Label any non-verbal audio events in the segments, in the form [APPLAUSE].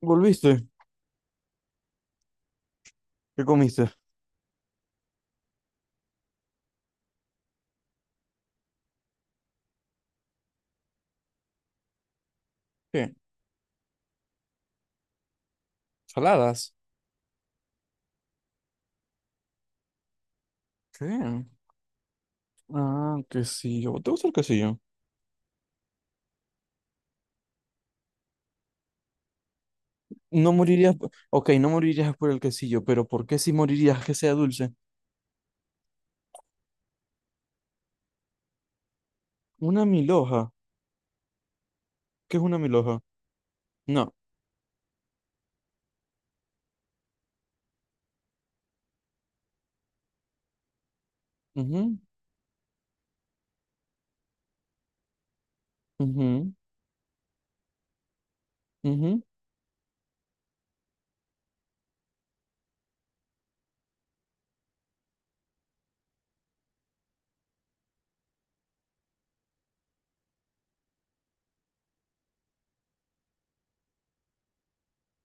¿Volviste? ¿Qué comiste? ¿Qué? ¿Saladas? ¿Qué? Ah, quesillo. ¿Te gusta el quesillo? No morirías, ok, no morirías por el quesillo, pero ¿por qué si morirías que sea dulce? Una milhoja. ¿Qué es una milhoja? No. Mhm. Mhm. Mhm.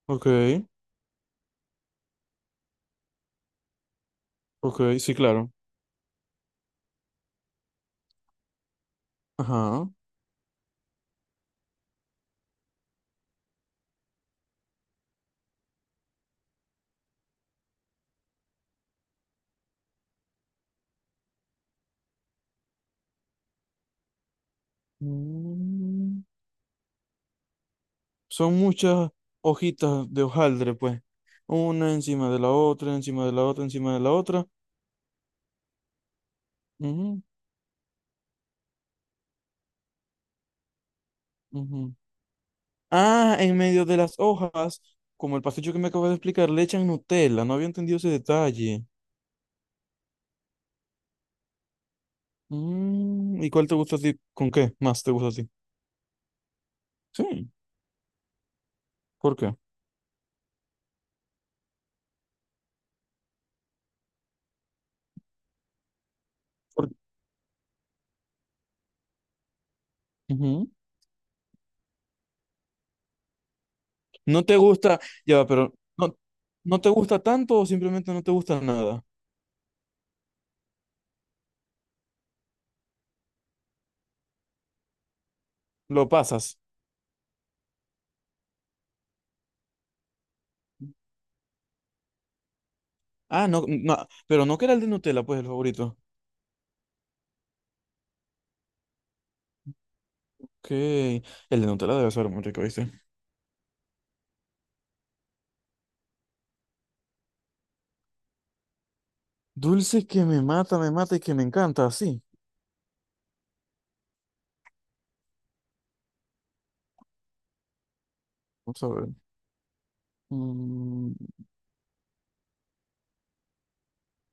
Ok, ok, sí, claro. Ajá. Mm, son muchas hojitas de hojaldre, pues. Una encima de la otra, encima de la otra, encima de la otra. Mhm. Ah, en medio de las hojas, como el pasticho que me acabas de explicar, le echan Nutella. No había entendido ese detalle. Mm, ¿y cuál te gusta a ti? ¿Con qué más te gusta a ti? Sí, ¿por qué? Por- Ujú. No te gusta, ya, va, pero no, no te gusta tanto o simplemente no te gusta nada. Lo pasas. Ah, no, no, pero no que era el de Nutella, pues el favorito. Ok, el de Nutella debe ser muy rico, ¿viste? Dulce que me mata y que me encanta, sí. Vamos a ver. Mm,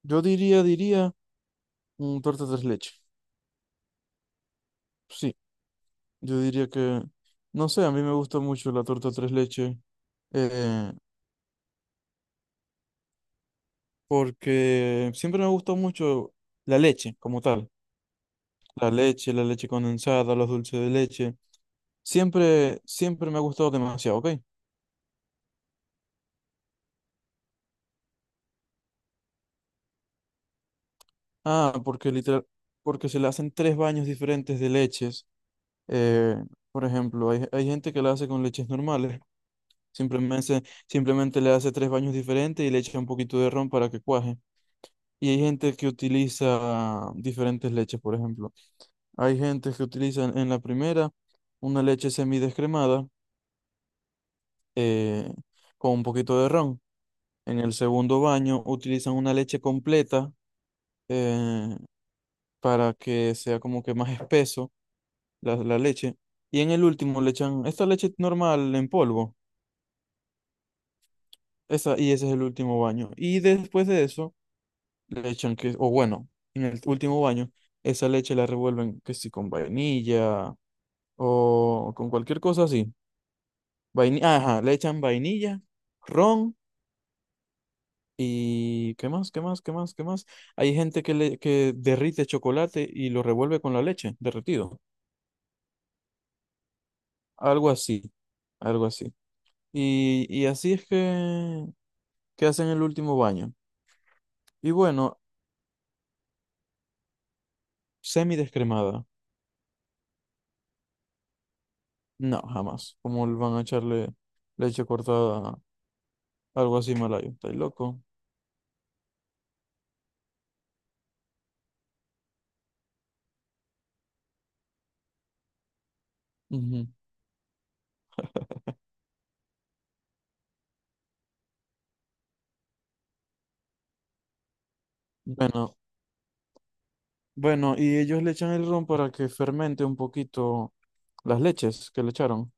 yo diría, diría. Un torta tres leches. Sí, yo diría que, no sé, a mí me gusta mucho la torta tres leches, eh, porque siempre me gustó mucho la leche como tal. La leche condensada, los dulces de leche. Siempre, siempre me ha gustado demasiado, ¿ok? Ah, porque literal, porque se le hacen tres baños diferentes de leches. Eh, por ejemplo, hay gente que la hace con leches normales. Simplemente, simplemente le hace tres baños diferentes y le echa un poquito de ron para que cuaje. Y hay gente que utiliza diferentes leches, por ejemplo. Hay gente que utiliza en la primera una leche semidescremada, eh, con un poquito de ron. En el segundo baño utilizan una leche completa, eh, para que sea como que más espeso la, la leche. Y en el último le echan esta leche normal en polvo. Esa, y ese es el último baño. Y después de eso le echan que, o bueno, en el último baño, esa leche la revuelven que si con vainilla o con cualquier cosa así. Vainilla, ajá, le echan vainilla, ron y ¿qué más? ¿Qué más? ¿Qué más? ¿Qué más? Hay gente que le que derrite chocolate y lo revuelve con la leche, derretido. Algo así, algo así. Y así es que hacen el último baño. Y bueno, semi descremada. No, jamás. ¿Cómo le van a echarle leche cortada? Algo así malayo. ¿Estáis loco? Ujú. Bueno, bueno, y ellos le echan el ron para que fermente un poquito las leches que le echaron.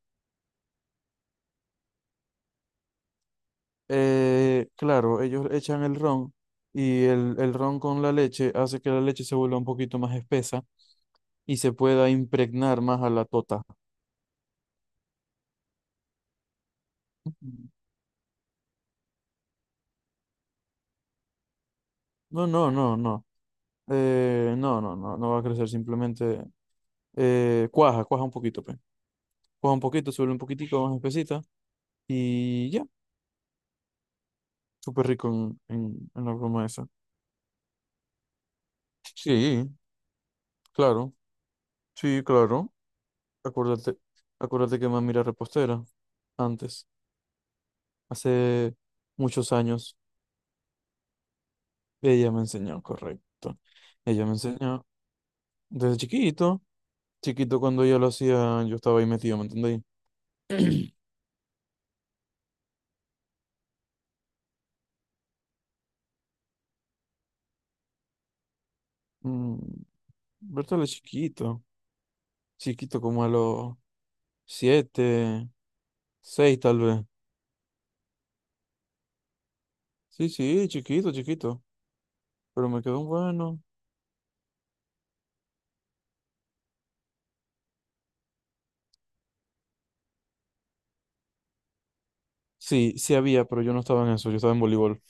Claro, ellos echan el ron y el ron con la leche hace que la leche se vuelva un poquito más espesa y se pueda impregnar más a la tota. No, no, no, no. No, no, no, no va a crecer, simplemente cuaja, cuaja un poquito, pues. Cuaja un poquito, se vuelve un poquitico más espesita y ya, súper rico en la broma esa. Sí, claro, sí, claro. Acuérdate, acuérdate que mami era repostera antes. Hace muchos años ella me enseñó, correcto. Ella me enseñó desde chiquito. Chiquito cuando ella lo hacía, yo estaba ahí metido, ¿me entendéis? Mm, Bertale chiquito. Chiquito como a los siete, seis tal vez. Sí, sí, chiquito, chiquito. Pero me quedó un bueno. Sí, sí había, pero yo no estaba en eso, yo estaba en voleibol.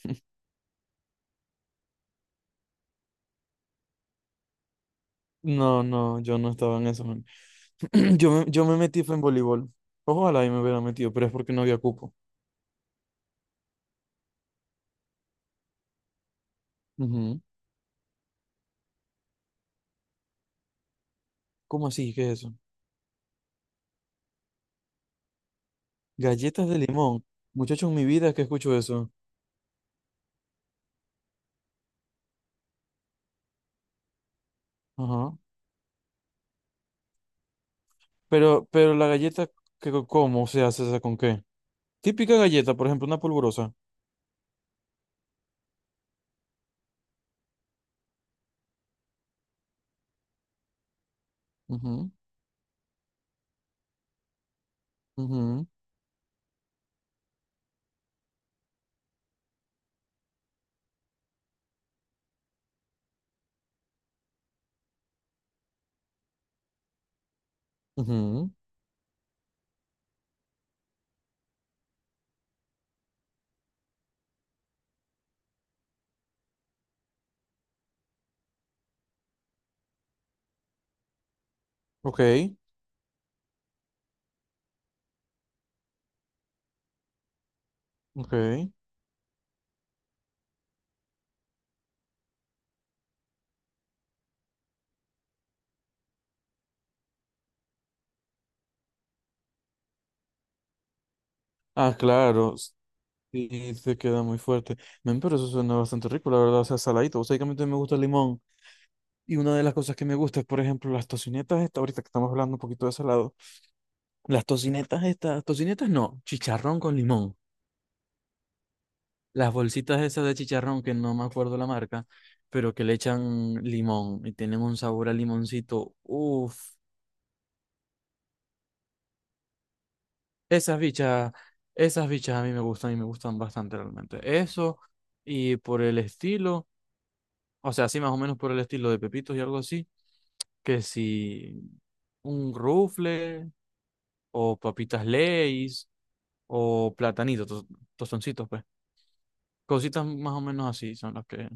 No, no, yo no estaba en eso, man. [CLEARS THROAT] Yo me metí fue en voleibol. Ojalá y me hubiera metido, pero es porque no había cupo. Ujú. ¿Cómo así? ¿Qué es eso? Galletas de limón. Muchachos, en mi vida que escucho eso. Ajá. Pero la galleta, ¿qué, ¿cómo se hace esa con qué? Típica galleta, por ejemplo, una polvorosa. Ujú, ujú, ujú. Ok, ok. Ah, claro. Sí, se queda muy fuerte. Men, pero eso suena bastante rico, la verdad. O sea, saladito. O sea, que a mí también me gusta el limón. Y una de las cosas que me gusta es, por ejemplo, las tocinetas estas, ahorita que estamos hablando un poquito de salado. Las tocinetas estas, tocinetas no, chicharrón con limón. Las bolsitas esas de chicharrón, que no me acuerdo la marca, pero que le echan limón y tienen un sabor a limoncito. Uf, esas bichas, esas bichas a mí me gustan y me gustan bastante realmente. Eso y por el estilo, o sea, sí, más o menos por el estilo de pepitos y algo así, que si un rufle o papitas Lay's o platanitos, tostoncitos, pues. Cositas más o menos así son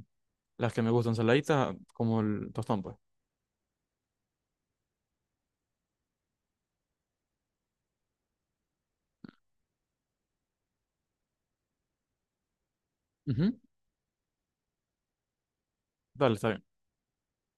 las que me gustan, saladitas como el tostón, pues. Ujú. Dale, está bien.